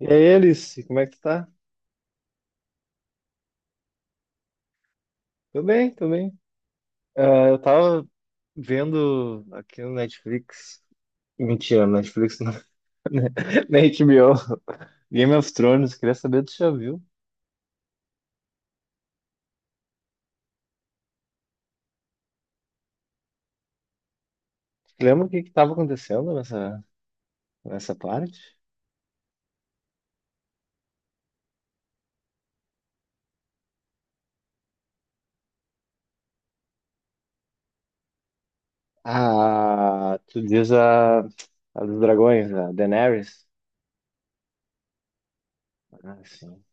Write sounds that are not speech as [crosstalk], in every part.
E aí, Alice, como é que tu tá? Tô bem, tô bem. Ah, eu tava vendo aqui no Netflix. Mentira, no Netflix não. [laughs] Na HBO. Game of Thrones, queria saber se tu já viu. Lembra o que que tava acontecendo nessa parte? Ah, tu diz a dos dragões, a Daenerys. Ah, sim.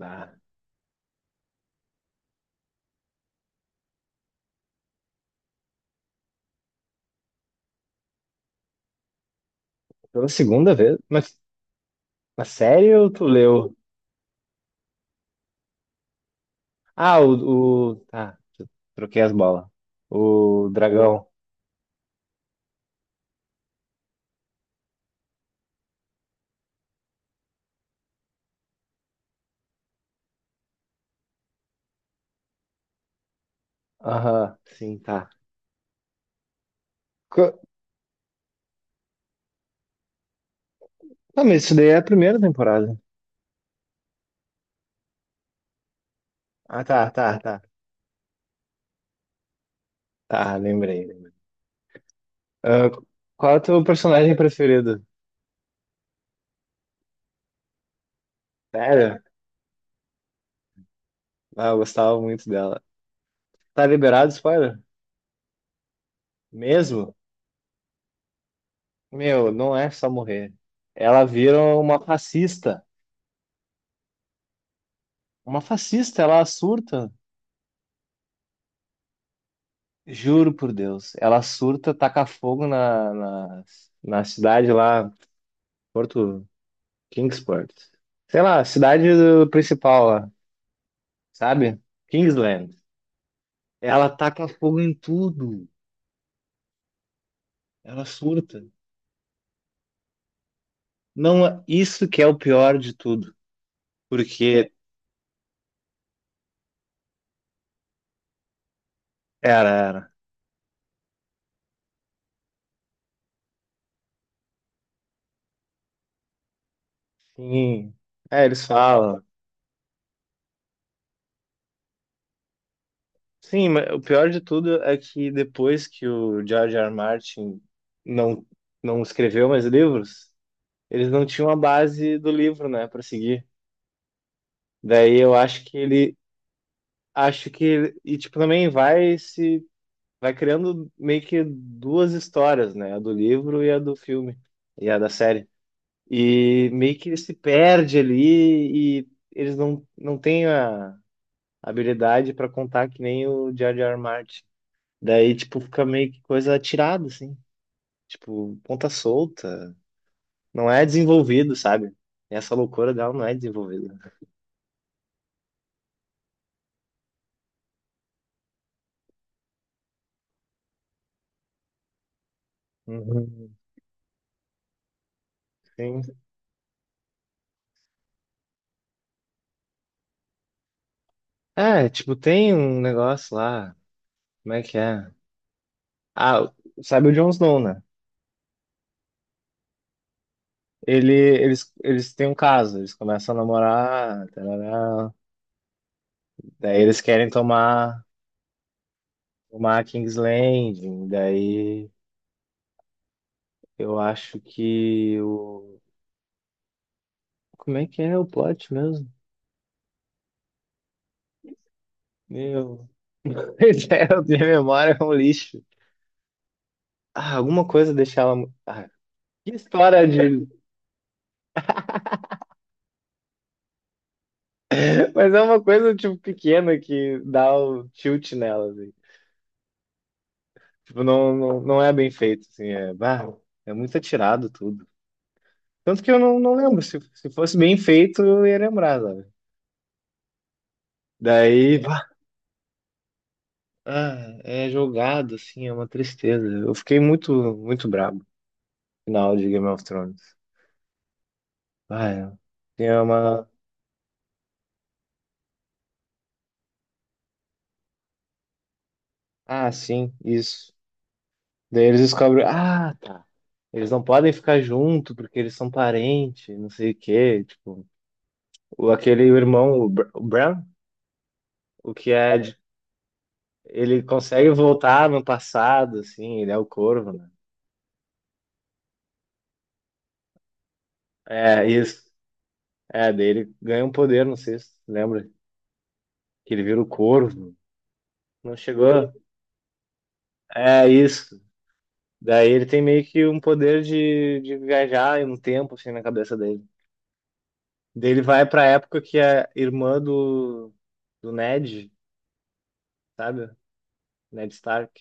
Ah, pela segunda vez? Mas sério, tu leu? Ah, Tá, troquei as bolas. O dragão. Aham, sim, tá. Co- Não, mas isso daí é a primeira temporada. Ah, tá, tá, tá. Tá, lembrei. Ah, qual é o teu personagem preferido? Sério? Ah, eu gostava muito dela. Tá liberado spoiler? Mesmo? Meu, não é só morrer. Ela vira uma fascista. Uma fascista, ela surta. Juro por Deus. Ela surta, taca fogo na cidade lá, Porto Kingsport. Sei lá, cidade principal lá, sabe? Kingsland. Ela taca fogo em tudo. Ela surta. Não, isso que é o pior de tudo. Porque era, era. Sim. É, eles falam. Sim, mas o pior de tudo é que depois que o George R. R. Martin não, não escreveu mais livros, eles não tinham a base do livro, né, para seguir. Daí eu acho que ele, e tipo também vai se vai criando meio que duas histórias, né, a do livro e a do filme e a da série. E meio que ele se perde ali e eles não têm a habilidade para contar que nem o Jar Jar Martin. Daí, tipo, fica meio que coisa atirada, assim. Tipo, ponta solta. Não é desenvolvido, sabe? Essa loucura dela não é desenvolvida. Uhum. Tem- É, tipo, tem um negócio lá. Como é que é? Ah, sabe o Jon Snow, né? Eles têm um caso, eles começam a namorar, tarará. Daí eles querem tomar uma King's Landing, daí eu acho que o. Como é que é o plot mesmo? Meu. [laughs] Pois é, eu tenho memória é um lixo. Ah, alguma coisa deixava. Ah, que história de. [laughs] Mas é uma coisa, tipo, pequena que dá o tilt nela, assim. Tipo, não, não, não é bem feito, assim. É, bah, é muito atirado tudo. Tanto que eu não lembro. Se fosse bem feito, eu ia lembrar, sabe? Daí. Ah, é jogado, assim, é uma tristeza. Eu fiquei muito, muito brabo no final de Game of Thrones. Ah, é. Tem uma. Ah, sim, isso. Daí eles descobrem. Ah, tá. Eles não podem ficar junto porque eles são parentes, não sei o quê. Tipo, o, aquele irmão, o Bran, o que é. Ele consegue voltar no passado, assim, ele é o corvo, né? É, isso. É, daí ele ganha um poder, não sei se tu lembra, que ele vira o corvo. Não chegou. É isso. Daí ele tem meio que um poder de viajar em um tempo, assim, na cabeça dele. Daí ele vai pra época que a irmã do Ned, sabe? Ned Stark.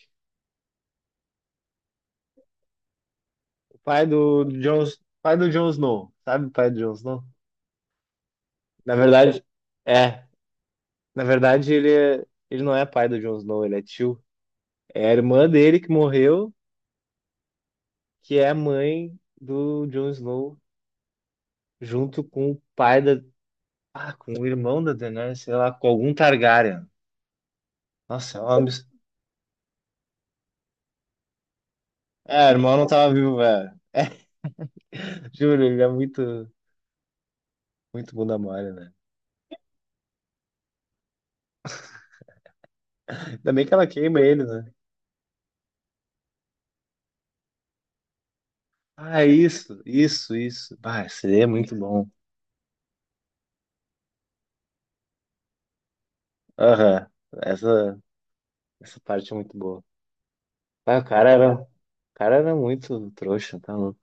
O pai do Jon Snow, sabe? O pai do Jon Snow. Na verdade, é. Na verdade, ele não é pai do Jon Snow, ele é tio. É a irmã dele que morreu, que é a mãe do Jon Snow, junto com o pai da... Ah, com o irmão da Daenerys, sei lá, com algum Targaryen. Nossa, é uma. É, irmão não tava vivo, velho. Juro, ele é muito, muito bunda mole, né? Ainda bem que ela queima ele, né? Ah, é isso, isso, isso. Ah, seria muito bom. Aham. Essa, essa parte é muito boa. Ah, o cara era muito trouxa, tá louco.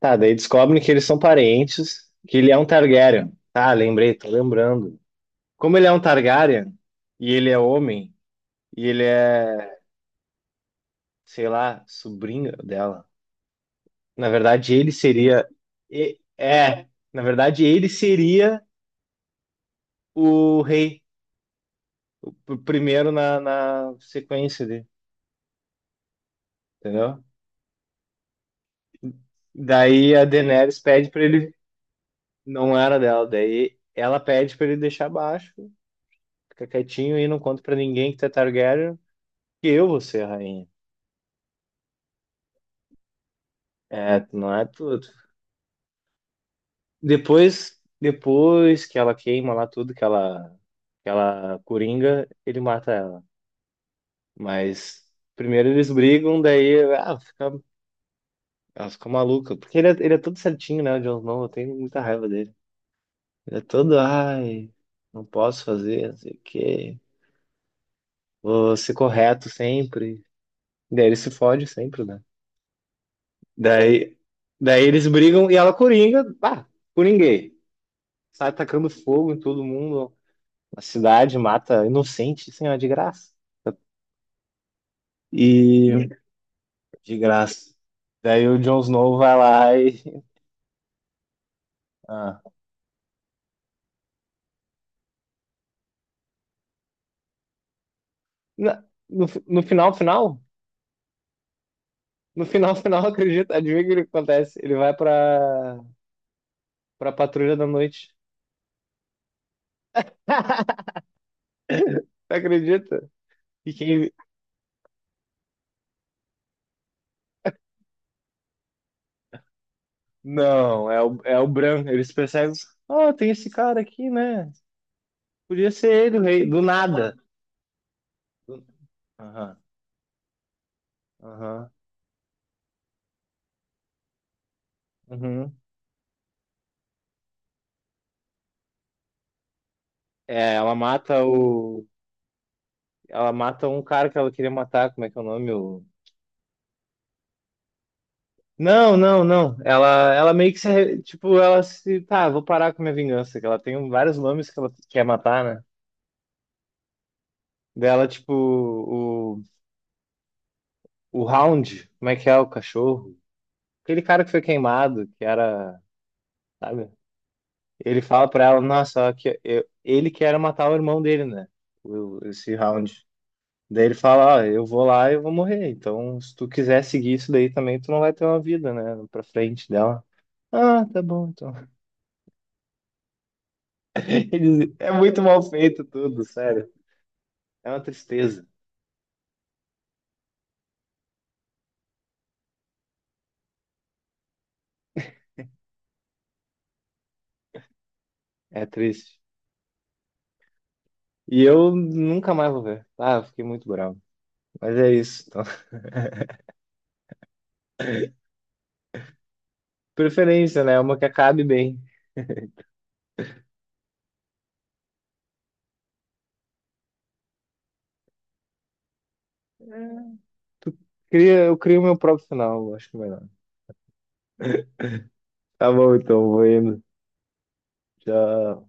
Tá, daí descobrem que eles são parentes, que ele é um Targaryen. Tá, lembrei, tô lembrando. Como ele é um Targaryen, e ele é homem, e ele é, sei lá, sobrinho dela. Na verdade, ele seria. É, na verdade, ele seria o rei, o primeiro na sequência dele, entendeu? Daí a Daenerys pede pra ele. Não era dela, daí ela pede pra ele deixar baixo, fica quietinho e não conta pra ninguém que tu é Targaryen, que eu vou ser a rainha. É, tu não é tudo. Depois que ela queima lá tudo, que ela coringa, ele mata ela. Mas. Primeiro eles brigam, daí ah, fica Ela fica maluca. Porque ele é todo certinho, né? O Jon Snow. Eu tenho muita raiva dele. Ele é todo, ai, não posso fazer, não sei o quê. Vou ser correto sempre. Daí ele se fode sempre, né? Daí, daí eles brigam e ela coringa, pá, coringuei. Sai tacando fogo em todo mundo. A cidade mata inocente, assim, ó, de graça. E de graça. Daí o Jon Snow vai lá e. Ah. No final, final. No final, [laughs] final, acredita? Adivinha o que ele acontece? Ele vai pra patrulha da noite. Você acredita? E quem. Não, é o Bran. Eles percebem. Ah, tem esse cara aqui, né? Podia ser ele o rei. Do nada. Do- Aham, aham, uhum. É, ela mata o. Ela mata um cara que ela queria matar. Como é que é o nome? O... Não, não, não. Ela meio que se. Tipo, ela se. Tá, vou parar com minha vingança. Que ela tem vários nomes que ela quer matar, né? Dela, tipo, O Hound, como é que é o cachorro? Aquele cara que foi queimado, que era, sabe? Ele fala pra ela, nossa, ó, que ele que matar o irmão dele, né? Esse Hound. Daí ele fala, ó, eu vou lá e eu vou morrer. Então, se tu quiser seguir isso daí também, tu não vai ter uma vida, né? Pra frente dela. Ah, tá bom, então. [laughs] É muito mal feito tudo, sério. É uma tristeza. É triste. E eu nunca mais vou ver. Ah, eu fiquei muito bravo. Mas é isso. Então, [laughs] preferência, né? Uma que acabe bem. Eu crio meu próprio final, acho que é melhor. Tá bom, então, vou indo. Tchau.